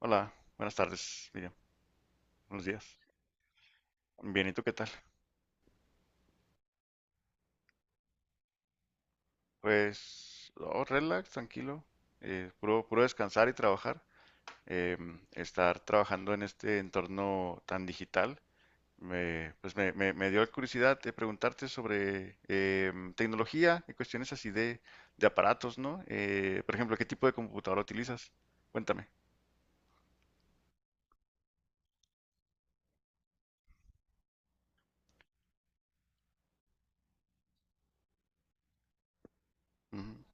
Hola, buenas tardes, Miriam. Buenos días. Bien, ¿y tú qué tal? Pues, oh, relax, tranquilo. Puro descansar y trabajar. Estar trabajando en este entorno tan digital, me, pues me dio la curiosidad de preguntarte sobre tecnología y cuestiones así de aparatos, ¿no? Por ejemplo, ¿qué tipo de computadora utilizas? Cuéntame. Ujú.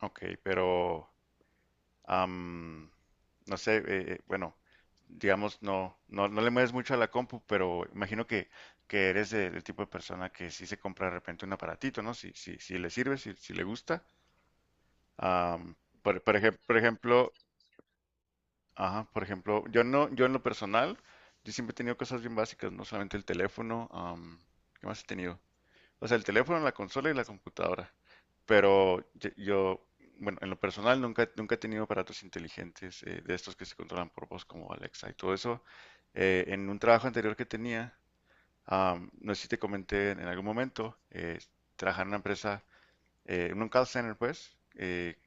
Ok, pero am, no sé, bueno, digamos, no le mueves mucho a la compu, pero imagino que eres del tipo de persona que sí se compra de repente un aparatito, ¿no? Si le sirve, si le gusta. Am, por ejemplo, ajá, por ejemplo, yo no, yo en lo personal, yo siempre he tenido cosas bien básicas, no solamente el teléfono, ¿qué más he tenido? O sea, el teléfono, la consola y la computadora. Pero yo, yo, bueno, en lo personal nunca he tenido aparatos inteligentes de estos que se controlan por voz como Alexa y todo eso. En un trabajo anterior que tenía, no sé si te comenté en algún momento, trabajaba en una empresa en un call center, pues,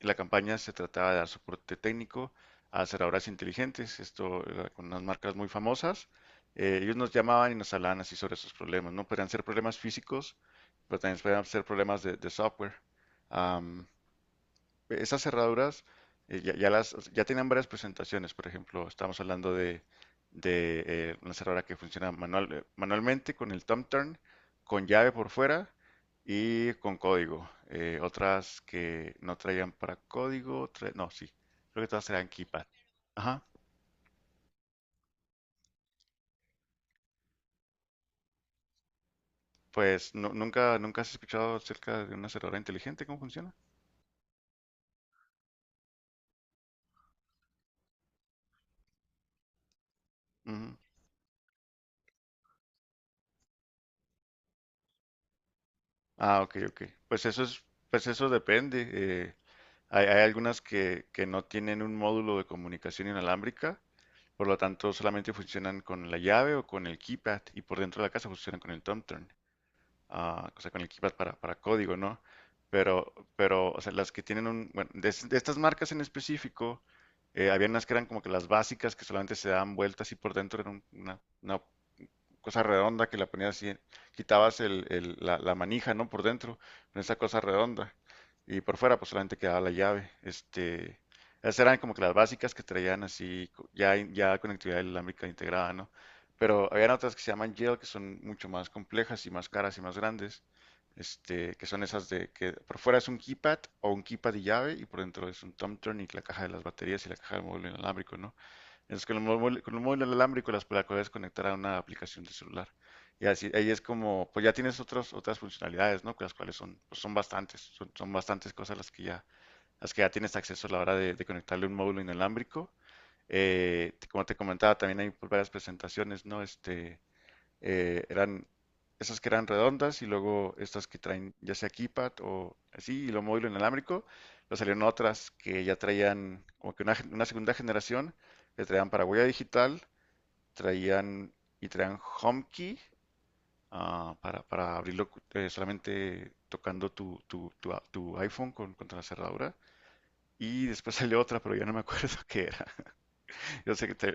la campaña se trataba de dar soporte técnico a cerraduras inteligentes, esto era con unas marcas muy famosas. Ellos nos llamaban y nos hablaban así sobre sus problemas, ¿no? Podían ser problemas físicos, pero también podían ser problemas de software. Am, Esas cerraduras ya tenían varias presentaciones, por ejemplo, estamos hablando de, una cerradura que funciona manual, manualmente con el thumb turn, con llave por fuera y con código. Otras que no traían para código, tra- no, sí, creo que todas traían keypad. Ajá, nunca, nunca has escuchado acerca de una cerradura inteligente, ¿cómo funciona? Ujú. Ah, ok, ok. Pues eso es, pues eso depende. Hay, hay algunas que no tienen un módulo de comunicación inalámbrica, por lo tanto solamente funcionan con la llave o con el keypad y por dentro de la casa funcionan con el TomTurn, ah, o sea, con el keypad para código, ¿no? O sea, las que tienen un, bueno, de estas marcas en específico, había unas que eran como que las básicas que solamente se daban vueltas y por dentro era una cosa redonda que la ponías así, quitabas la manija, ¿no? Por dentro, con esa cosa redonda. Y por fuera, pues solamente quedaba la llave. Este, esas eran como que las básicas que traían así, ya conectividad inalámbrica integrada, ¿no? Pero habían otras que se llaman Yale, que son mucho más complejas y más caras y más grandes. Este, que son esas de que por fuera es un keypad o un keypad y llave, y por dentro es un tom turn y la caja de las baterías y la caja del módulo inalámbrico, ¿no? Es con el móvil inalámbrico la puedes conectar a una aplicación de celular. Y así, ahí es como, pues ya tienes otras funcionalidades, ¿no? Que las cuales son, pues son bastantes, son bastantes cosas las que ya tienes acceso a la hora de conectarle un módulo inalámbrico. Como te comentaba, también hay pues, varias presentaciones, ¿no? Este, eran esas que eran redondas y luego estas que traen ya sea keypad o así y lo móvil inalámbrico. Luego salieron otras que ya traían como que una segunda generación, le traían para huella digital, traían traían HomeKey ah, para abrirlo solamente tocando tu iPhone con, contra la cerradura. Y después salió otra, pero ya no me acuerdo qué era. Yo sé que te...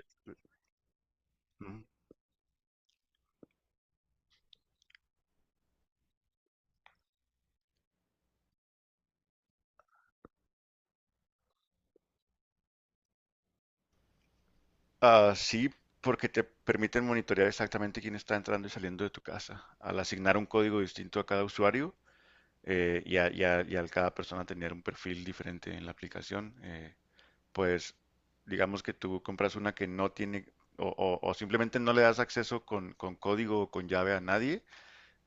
Ah, sí, porque te permiten monitorear exactamente quién está entrando y saliendo de tu casa. Al asignar un código distinto a cada usuario y al cada persona tener un perfil diferente en la aplicación, pues digamos que tú compras una que no tiene o simplemente no le das acceso con código o con llave a nadie,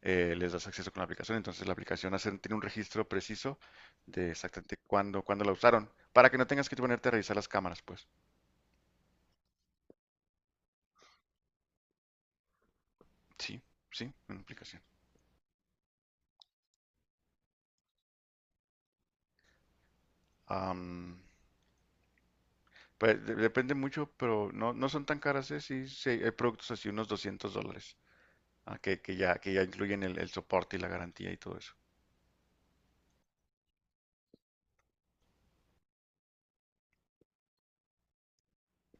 les das acceso con la aplicación. Entonces tiene un registro preciso de exactamente cuándo la usaron, para que no tengas que ponerte a revisar las cámaras, pues. Sí, sí, una aplicación. Am, pues depende mucho, pero no, no son tan caras, ¿eh? Sí, sí, hay productos así, unos 200 dólares, ah, que ya incluyen el soporte y la garantía y todo eso.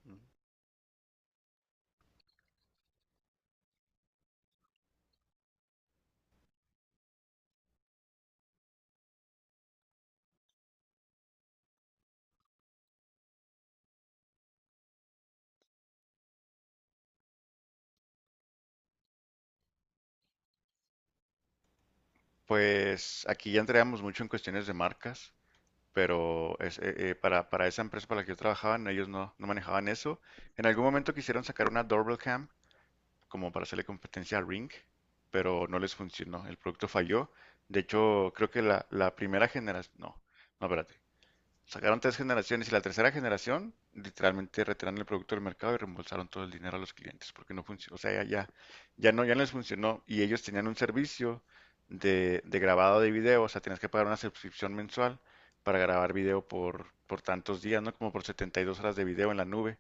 Ujú. Pues aquí ya entramos mucho en cuestiones de marcas, pero es, para esa empresa para la que yo trabajaba, no, ellos no, no manejaban eso. En algún momento quisieron sacar una doorbell cam como para hacerle competencia a Ring, pero no les funcionó, el producto falló. De hecho, creo que la primera generación, no, no, espérate. Sacaron tres generaciones y la tercera generación literalmente retiraron el producto del mercado y reembolsaron todo el dinero a los clientes porque no funcionó, o sea, ya no, ya no les funcionó y ellos tenían un servicio de grabado de video, o sea, tenías que pagar una suscripción mensual para grabar video por tantos días, ¿no? Como por 72 horas de video en la nube.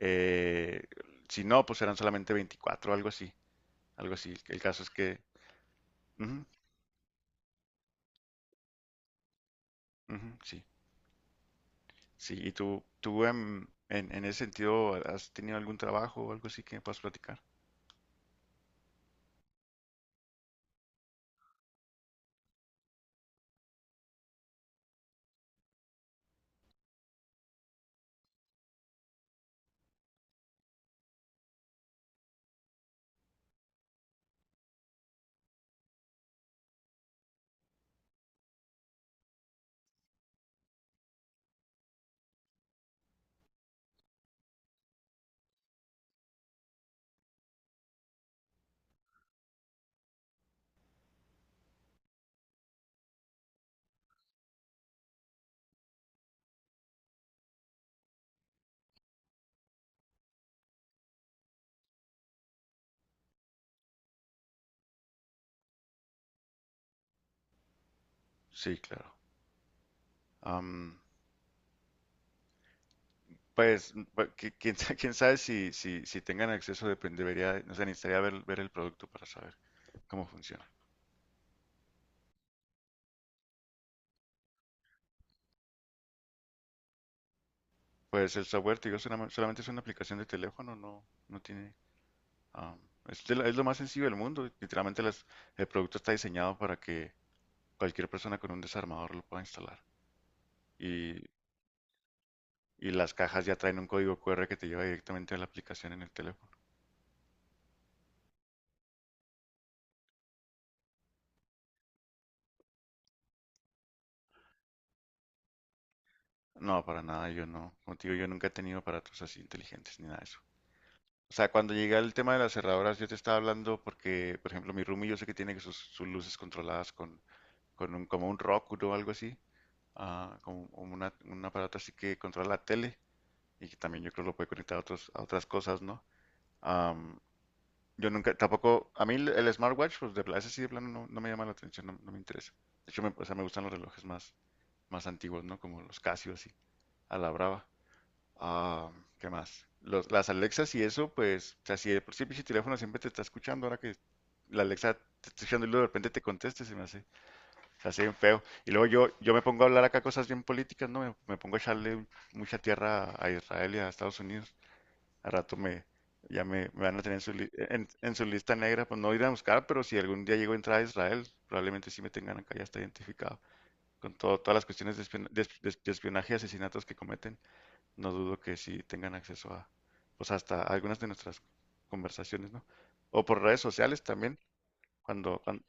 Eh, si no, pues eran solamente 24, algo así, algo así. El caso es que, ujú, ujú, sí. Sí, y tú en ese sentido, ¿has tenido algún trabajo o algo así que me puedas platicar? Sí, claro. Am, pues, quién sabe si, si tengan acceso, debería, no sé, necesitaría ver, ver el producto para saber cómo funciona. Pues el software, te digo, solamente es una aplicación de teléfono, no, no tiene... am, es, es lo más sencillo del mundo. El producto está diseñado para que cualquier persona con un desarmador lo pueda instalar. Y, y las cajas ya traen un código QR que te lleva directamente a la aplicación en el teléfono. No, para nada, yo no. Contigo yo nunca he tenido aparatos así inteligentes ni nada de eso. O sea, cuando llegué al tema de las cerraduras, yo te estaba hablando porque, por ejemplo, mi roomie yo sé que tiene sus luces controladas con un, como un Roku o algo así, ah, como un aparato así que controla la tele y que también yo creo lo puede conectar a otros, a otras cosas, ¿no? Am, yo nunca, tampoco, a mí el smartwatch, pues ese sí de plano no, no me llama la atención, no, no me interesa. De hecho, o sea, me gustan los relojes más antiguos, ¿no? Como los Casio así, a la brava. Ah, ¿qué más? Las Alexas y eso, pues, o sea, si de por sí el pinche teléfono siempre te está escuchando, ahora que la Alexa te está escuchando y luego de repente te conteste, se hace bien feo. Y luego yo me pongo a hablar acá cosas bien políticas, ¿no? Me pongo a echarle un- mucha tierra a Israel y a Estados Unidos. Al rato me van a tener en en su lista negra, pues no ir a buscar, pero si algún día llego a entrar a Israel, probablemente sí me tengan acá, ya está identificado, con todo, todas las cuestiones de espionaje y asesinatos que cometen no dudo que sí tengan acceso a, pues hasta algunas de nuestras conversaciones, ¿no? O por redes sociales también, cuando, cuan-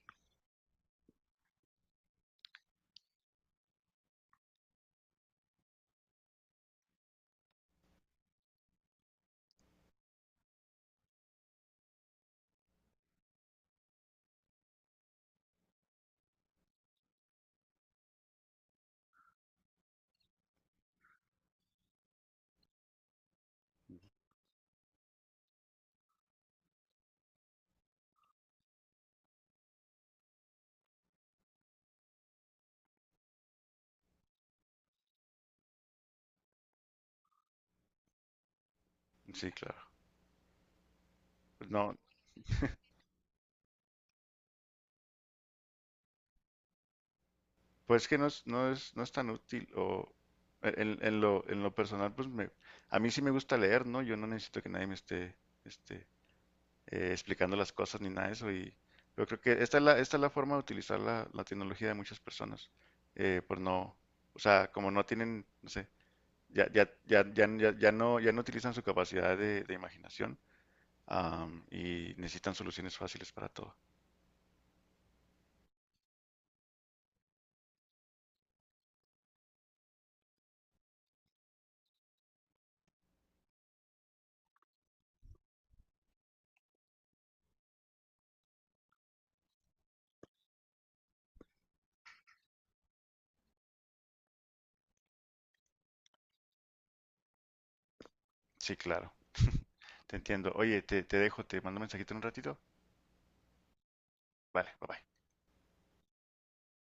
sí, claro. Pues, no, pues que no es, no es tan útil o en lo personal, pues me, a mí sí me gusta leer, ¿no? Yo no necesito que nadie me esté, este, explicando las cosas ni nada de eso y yo creo que esta es esta es la forma de utilizar la tecnología de muchas personas, por no, o sea, como no tienen, no sé, ya no, ya no utilizan su capacidad de imaginación, am, y necesitan soluciones fáciles para todo. Sí, claro. Te entiendo. Oye, te dejo, te mando un mensajito en un ratito. Vale, bye bye.